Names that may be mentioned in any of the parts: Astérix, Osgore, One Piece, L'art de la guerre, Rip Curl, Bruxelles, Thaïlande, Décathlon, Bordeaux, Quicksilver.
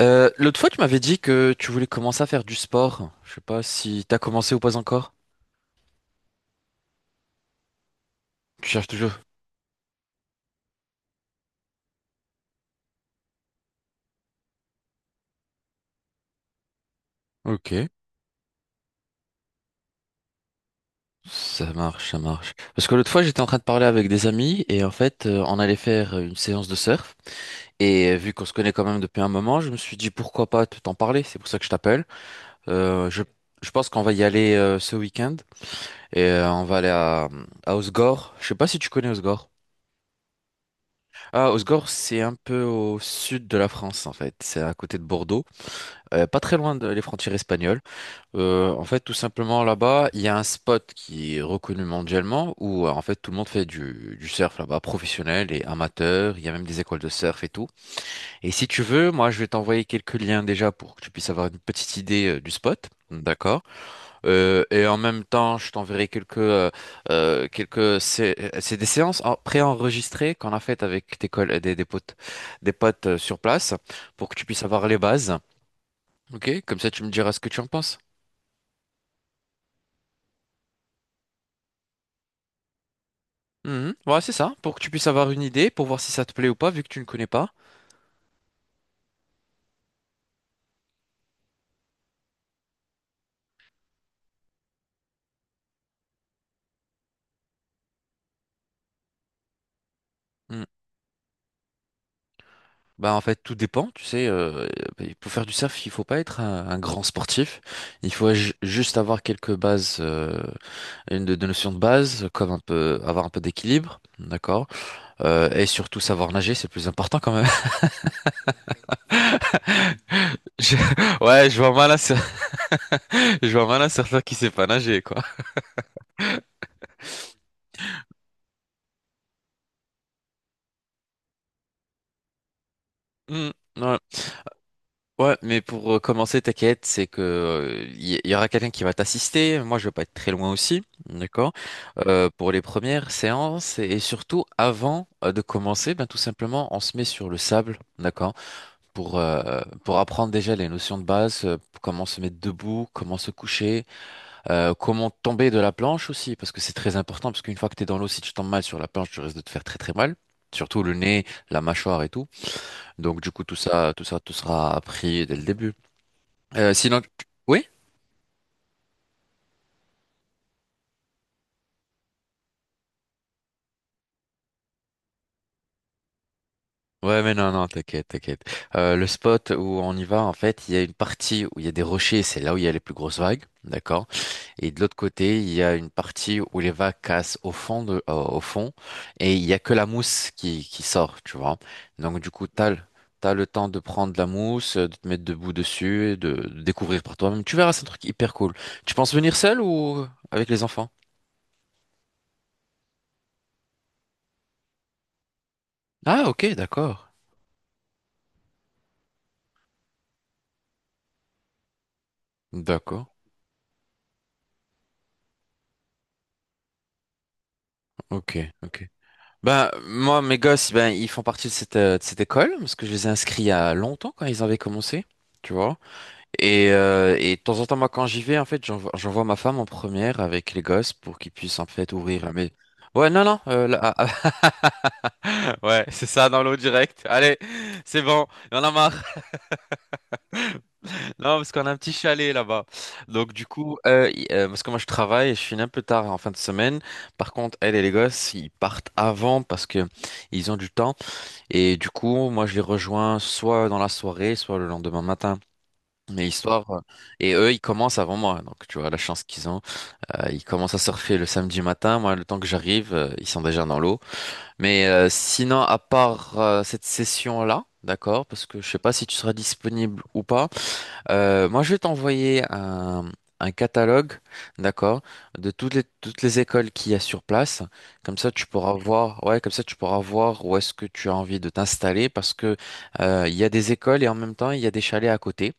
L'autre fois, tu m'avais dit que tu voulais commencer à faire du sport. Je sais pas si t'as commencé ou pas encore. Tu cherches toujours. Ok. Ça marche, ça marche. Parce que l'autre fois, j'étais en train de parler avec des amis et en fait, on allait faire une séance de surf. Et vu qu'on se connaît quand même depuis un moment, je me suis dit pourquoi pas te t'en parler. C'est pour ça que je t'appelle. Euh, je, je pense qu'on va y aller ce week-end et on va aller à Osgore. Je sais pas si tu connais Osgore. Ah, Osgore, c'est un peu au sud de la France en fait. C'est à côté de Bordeaux. Pas très loin des frontières espagnoles. En fait, tout simplement là-bas, il y a un spot qui est reconnu mondialement où en fait tout le monde fait du surf là-bas, professionnel et amateur. Il y a même des écoles de surf et tout. Et si tu veux, moi, je vais t'envoyer quelques liens déjà pour que tu puisses avoir une petite idée du spot. D'accord. Et en même temps, je t'enverrai quelques quelques c'est des séances préenregistrées qu'on a faites avec des potes sur place pour que tu puisses avoir les bases. Ok, comme ça tu me diras ce que tu en penses. Mhm. Ouais, c'est ça, pour que tu puisses avoir une idée, pour voir si ça te plaît ou pas, vu que tu ne connais pas. Mhm. Bah en fait, tout dépend, tu sais, pour faire du surf, il faut pas être un grand sportif, il faut juste avoir quelques bases, une de notions de base, comme un peu, avoir un peu d'équilibre, d'accord? Et surtout savoir nager, c'est le plus important quand même. Je- Ouais, je vois mal un. Je vois mal un surfeur qui sait pas nager, quoi. Mhm. Ouais, ouais, mais pour commencer, t'inquiète, c'est que il y aura quelqu'un qui va t'assister. Moi, je vais pas être très loin aussi, d'accord? Pour les premières séances et surtout avant de commencer, ben tout simplement, on se met sur le sable, d'accord? Pour apprendre déjà les notions de base, comment se mettre debout, comment se coucher, comment tomber de la planche aussi, parce que c'est très important, parce qu'une fois que t'es dans l'eau, si tu tombes mal sur la planche, tu risques de te faire très très mal. Surtout le nez, la mâchoire et tout. Donc du coup tout ça, tout ça, tout sera appris dès le début. Sinon, oui? Ouais, mais non, non, t'inquiète, t'inquiète. Le spot où on y va, en fait, il y a une partie où il y a des rochers, c'est là où il y a les plus grosses vagues, d'accord? Et de l'autre côté, il y a une partie où les vagues cassent au fond, et il y a que la mousse qui sort, tu vois? Donc, du coup, t'as le temps de prendre la mousse, de te mettre debout dessus, et de découvrir par toi-même. Tu verras, c'est un truc hyper cool. Tu penses venir seul ou avec les enfants? Ah, ok, d'accord. D'accord, ok, ok. Ben, moi, mes gosses, ben, ils font partie de cette école, parce que je les ai inscrits il y a longtemps quand ils avaient commencé, tu vois. Et de temps en temps, moi, quand j'y vais, en fait, j'envoie ma femme en première avec les gosses pour qu'ils puissent, en fait, ouvrir. Mais, ouais, non, non, ah, ouais, c'est ça, dans l'eau direct. Allez, c'est bon, on en a marre. Non, parce qu'on a un petit chalet là-bas. Donc, du coup, parce que moi, je travaille, et je finis un peu tard en fin de semaine. Par contre, elle et les gosses, ils partent avant parce que ils ont du temps. Et du coup, moi, je les rejoins soit dans la soirée, soit le lendemain matin. Mais histoire, et eux, ils commencent avant moi, donc tu vois la chance qu'ils ont. Ils commencent à surfer le samedi matin. Moi, le temps que j'arrive, ils sont déjà dans l'eau. Mais sinon, à part cette session-là, d'accord, parce que je sais pas si tu seras disponible ou pas. Moi, je vais t'envoyer un, catalogue, d'accord, de toutes les écoles qu'il y a sur place. Comme ça, tu pourras voir, ouais, comme ça, tu pourras voir où est-ce que tu as envie de t'installer parce que il y a des écoles et en même temps, il y a des chalets à côté.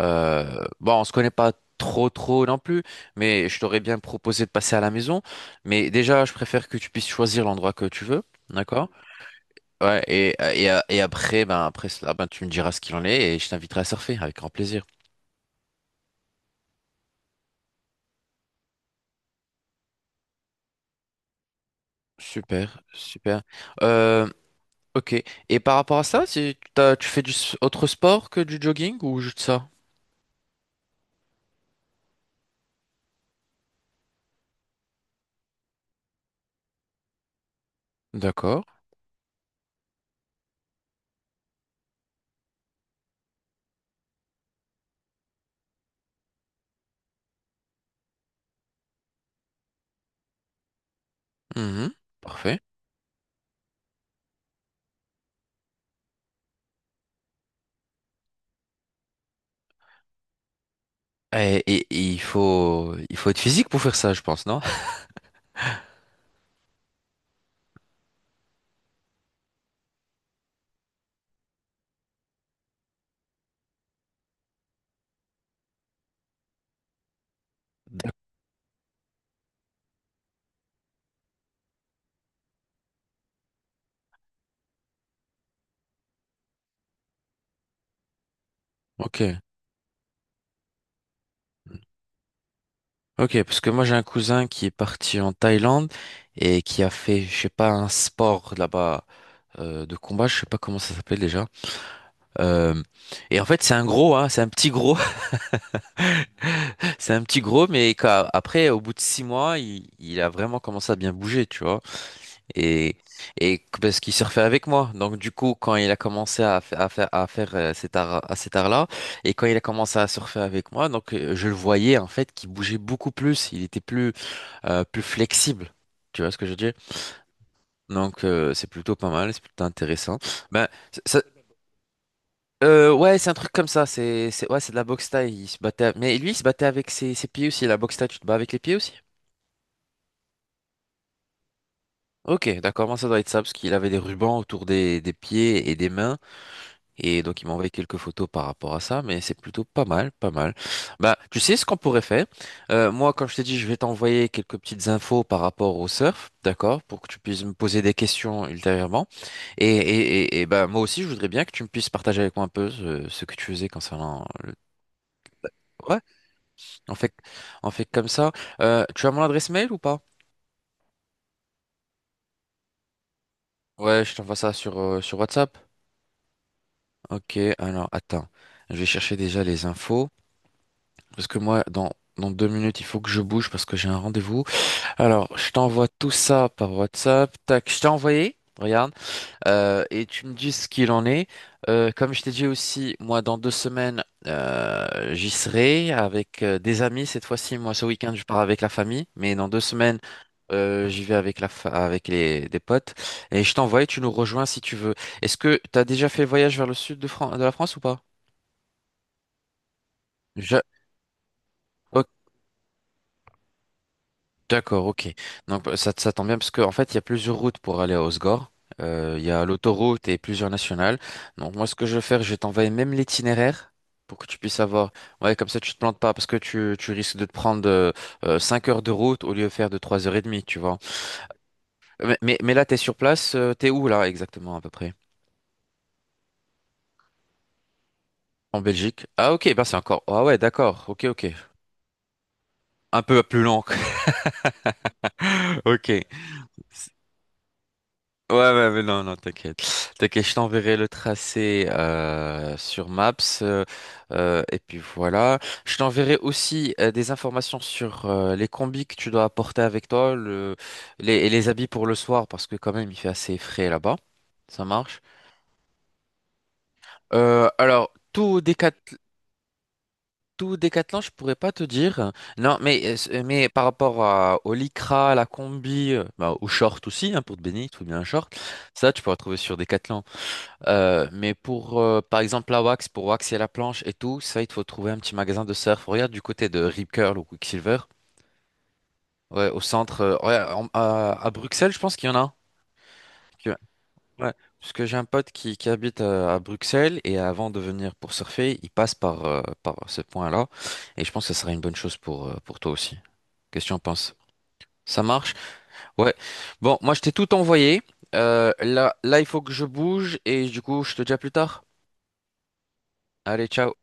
Bon, on se connaît pas trop, trop non plus, mais je t'aurais bien proposé de passer à la maison. Mais déjà, je préfère que tu puisses choisir l'endroit que tu veux. D'accord? Ouais, et après, ben, après cela, ben, tu me diras ce qu'il en est et je t'inviterai à surfer avec grand plaisir. Super, super. Euh, ok. Et par rapport à ça, si tu tu fais autre sport que du jogging ou juste ça? D'accord. Mhm. Parfait. Et il faut être physique pour faire ça, je pense, non? D'ac- Ok. Ok, parce que moi j'ai un cousin qui est parti en Thaïlande et qui a fait, je sais pas, un sport là-bas de combat, je sais pas comment ça s'appelle déjà. Euh, et en fait c'est un gros, hein, c'est un petit gros. C'est un petit gros, mais après, au bout de 6 mois, il a vraiment commencé à bien bouger, tu vois. Et, Parce qu'il surfait avec moi. Donc, du coup, quand il a commencé à faire à cet art-là, et quand il a commencé à surfer avec moi, donc, je le voyais, en fait, qu'il bougeait beaucoup plus. Il était plus flexible. Tu vois ce que je veux dire? Donc, c'est plutôt pas mal, c'est plutôt intéressant. Ben, ça, ouais, c'est un truc comme ça. Ouais, c'est de la boxe thaï. Il se battait, mais lui, il se battait avec ses pieds aussi. La boxe thaï, tu te bats avec les pieds aussi? Ok, d'accord. Moi, ça doit être ça parce qu'il avait des rubans autour des pieds et des mains. Et donc, il m'a envoyé quelques photos par rapport à ça. Mais c'est plutôt pas mal, pas mal. Bah, tu sais ce qu'on pourrait faire? Moi, quand je t'ai dit, je vais t'envoyer quelques petites infos par rapport au surf, d'accord, pour que tu puisses me poser des questions ultérieurement. Et bah, moi aussi, je voudrais bien que tu me puisses partager avec moi un peu ce que tu faisais concernant le. Ouais, On fait, on fait comme ça. Tu as mon adresse mail ou pas? Ouais, je t'envoie ça sur WhatsApp. Ok, alors attends. Je vais chercher déjà les infos. Parce que moi, dans 2 minutes, il faut que je bouge parce que j'ai un rendez-vous. Alors, je t'envoie tout ça par WhatsApp. Tac, je t'ai envoyé. Regarde. Et tu me dis ce qu'il en est. Comme je t'ai dit aussi, moi, dans 2 semaines, j'y serai avec des amis. Cette fois-ci, moi, ce week-end, je pars avec la famille, mais dans 2 semaines, j'y vais avec la fa- avec les des potes. Et je t'envoie et tu nous rejoins si tu veux. Est-ce que tu as déjà fait le voyage vers le sud de la France ou pas? Je- ok. D'accord, ok. Donc ça, ça tombe bien parce qu'en fait, il y a plusieurs routes pour aller à Osgore. Il y a l'autoroute et plusieurs nationales. Donc moi, ce que je vais faire, je vais t'envoyer même l'itinéraire pour que tu puisses avoir... Ouais, comme ça, tu te plantes pas parce que tu risques de te prendre 5 heures de route au lieu de faire de 3 heures et demie, tu vois. Mais là, t'es sur place, t'es où là exactement à peu près? En Belgique. Ah ok, ben c'est encore... Ah ouais, d'accord, ok, ok. Un peu plus long. Ok. Ouais, ouais, mais non, non, t'inquiète. T'inquiète, je t'enverrai le tracé sur Maps. euh, et puis voilà. Je t'enverrai aussi des informations sur les combis que tu dois apporter avec toi, et les habits pour le soir, parce que quand même, il fait assez frais là-bas. Ça marche. Alors, tout Décathlon, je pourrais pas te dire. Non, mais par rapport à, au lycra, à la combi, bah, au short aussi, hein, pour te baigner, il te faut bien un short. Ça, tu pourras trouver sur Décathlon. Mais pour, par exemple, la wax, pour waxer la planche et tout, ça, il te faut trouver un petit magasin de surf. Regarde du côté de Rip Curl ou Quicksilver. Ouais, au centre. Ouais, à Bruxelles, je pense qu'il y en a un. Que- ouais, parce que j'ai un pote qui habite à Bruxelles et avant de venir pour surfer, il passe par ce point-là. Et je pense que ça serait une bonne chose pour toi aussi. Qu'est-ce que tu en penses? Ça marche? Ouais. Bon, moi, je t'ai tout envoyé. Là, là, il faut que je bouge et du coup, je te dis à plus tard. Allez, ciao.